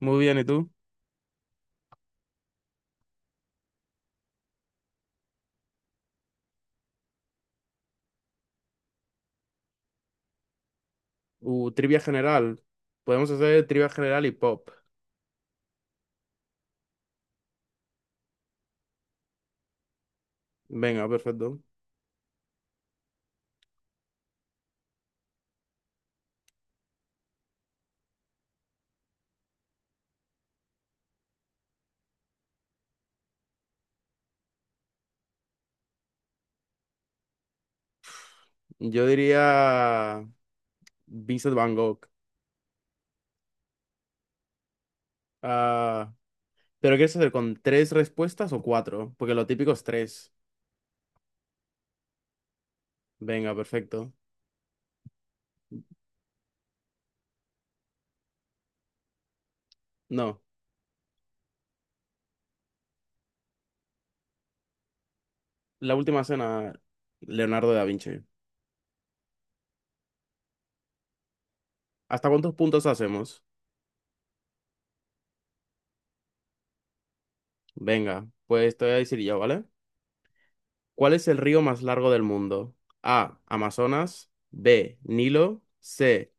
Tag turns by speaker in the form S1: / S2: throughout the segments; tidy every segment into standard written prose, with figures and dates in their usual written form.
S1: Muy bien, ¿y tú? Trivia general. Podemos hacer trivia general y pop. Venga, perfecto. Yo diría Vincent Van Gogh. Ah, ¿pero quieres hacer con tres respuestas o cuatro? Porque lo típico es tres. Venga, perfecto. No, la última cena, Leonardo da Vinci. ¿Hasta cuántos puntos hacemos? Venga, pues te voy a decir yo, ¿vale? ¿Cuál es el río más largo del mundo? A. Amazonas. B. Nilo. C.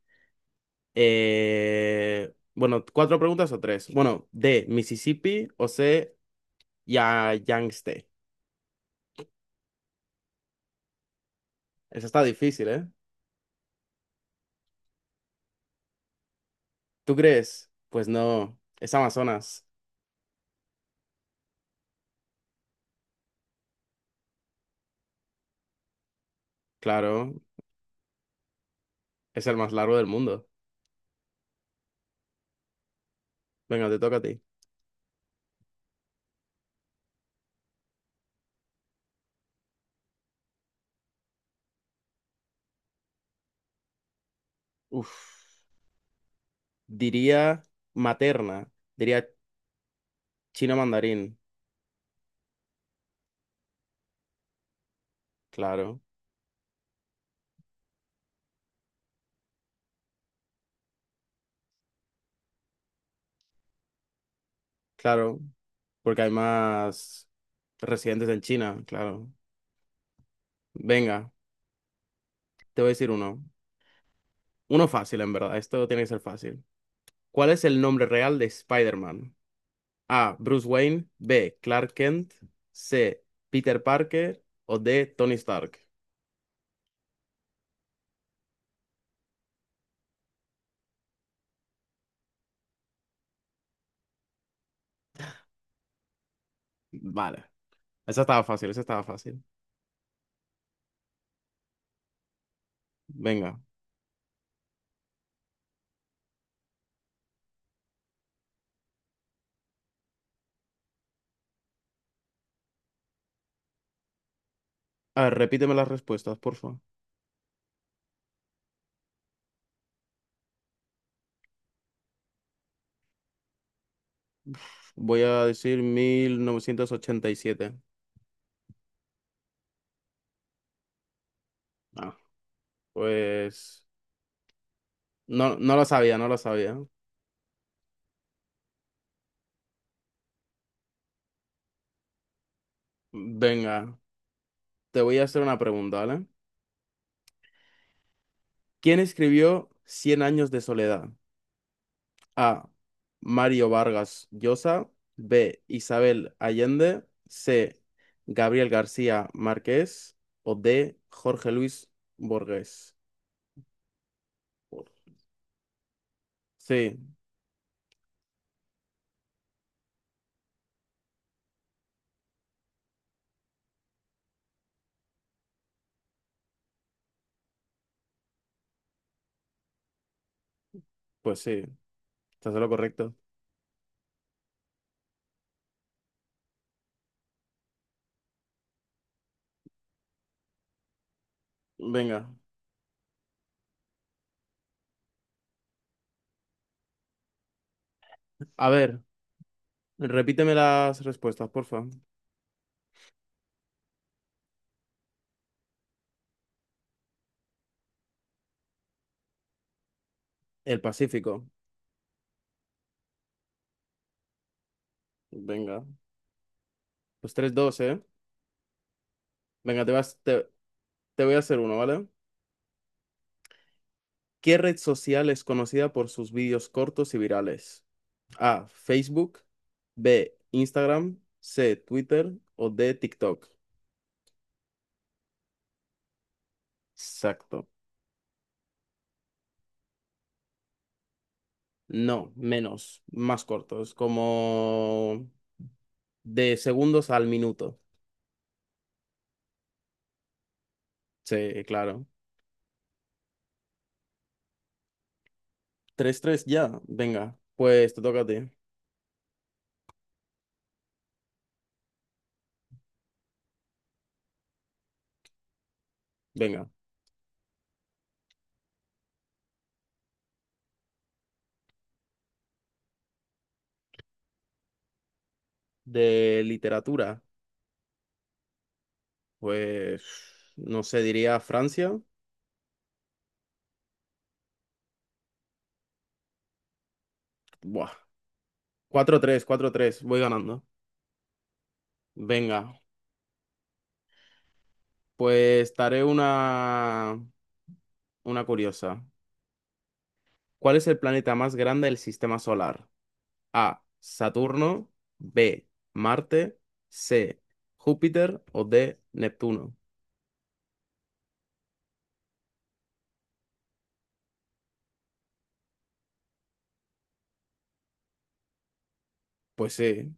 S1: Bueno, cuatro preguntas o tres. Bueno, D, Mississippi o C, ya Yangtze. Esa está difícil, ¿eh? ¿Tú crees? Pues no, es Amazonas. Claro, es el más largo del mundo. Venga, te toca a ti. Uf, diría materna, diría chino mandarín. Claro, claro, porque hay más residentes en China, claro. Venga, te voy a decir uno. Uno fácil, en verdad. Esto tiene que ser fácil. ¿Cuál es el nombre real de Spider-Man? A. Bruce Wayne. B. Clark Kent. C. Peter Parker. O D. Tony Stark. Vale. Esa estaba fácil, esa estaba fácil. Venga. A ver, repíteme las respuestas, por favor. Voy a decir 1987. Ah, pues no, no lo sabía, no lo sabía. Venga, te voy a hacer una pregunta, ¿vale? ¿Quién escribió Cien años de soledad? A. Mario Vargas Llosa. B. Isabel Allende. C. Gabriel García Márquez. O D. Jorge Luis Borges. Sí, pues sí, estás en lo correcto. Venga. A ver, repíteme las respuestas, porfa. El Pacífico. Venga. Pues tres 2, ¿eh? Venga, te voy a hacer uno, ¿vale? ¿Qué red social es conocida por sus vídeos cortos y virales? A. Facebook. B. Instagram. C. Twitter. O D. TikTok. Exacto. No, menos, más cortos, como de segundos al minuto. Sí, claro. 3-3 ya, venga. Pues te toca a ti. Venga. De literatura, pues no sé, diría Francia. Buah. 4-3, 4-3, voy ganando. Venga, pues daré una curiosa. ¿Cuál es el planeta más grande del sistema solar? A. Saturno. B. Marte. C. Júpiter o D. Neptuno. Pues sí,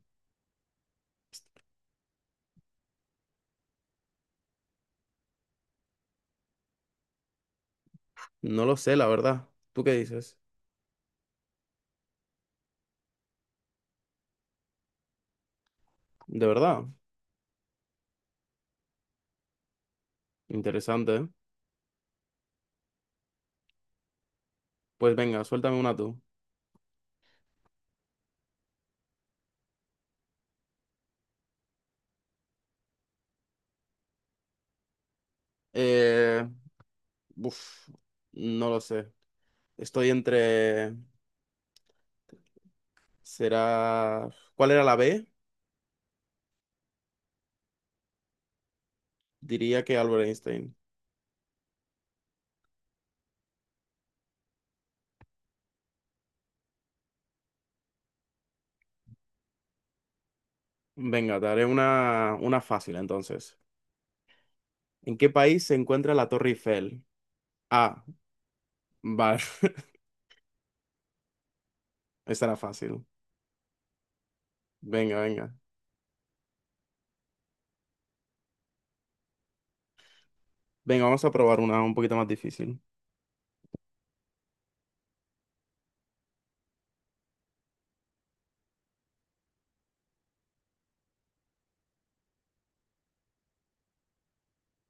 S1: no lo sé, la verdad. ¿Tú qué dices? De verdad, interesante, ¿eh? Pues venga, suéltame una tú. Eh, uf, no lo sé. Estoy entre. Será. ¿Cuál era la B? Diría que Albert Einstein. Venga, te haré una fácil entonces. ¿En qué país se encuentra la Torre Eiffel? A. Vale, esta era fácil. Venga, venga. Venga, vamos a probar una un poquito más difícil.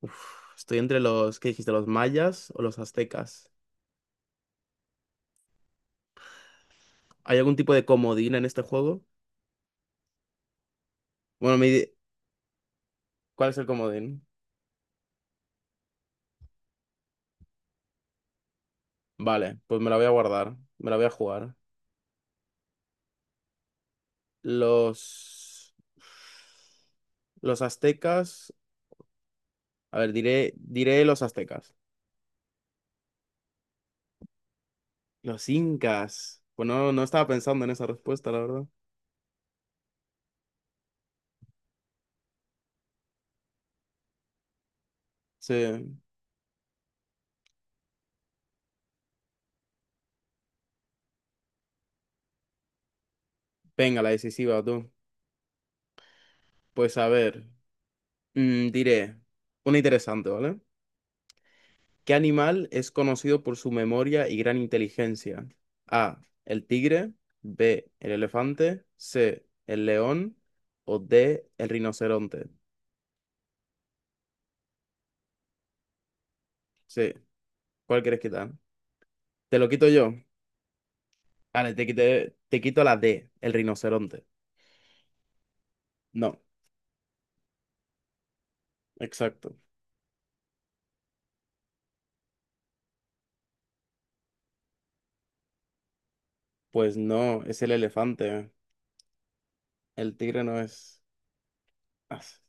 S1: Uf, estoy entre los, ¿qué dijiste? ¿Los mayas o los aztecas? ¿Hay algún tipo de comodín en este juego? Bueno, ¿cuál es el comodín? Vale, pues me la voy a guardar, me la voy a jugar. Los... Los aztecas. A ver, diré, los aztecas. Los incas. Pues no, no estaba pensando en esa respuesta, la verdad. Sí. Venga, la decisiva, tú. Pues a ver. Diré, una interesante, ¿vale? ¿Qué animal es conocido por su memoria y gran inteligencia? A, el tigre, B, el elefante, C, el león o D, el rinoceronte. Sí, ¿cuál quieres quitar? Te lo quito yo. Vale, te quito la D, el rinoceronte. No, exacto. Pues no, es el elefante. El tigre no es. As.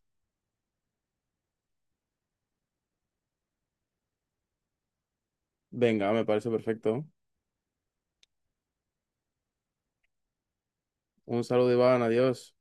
S1: Venga, me parece perfecto. Un saludo, Iván, adiós.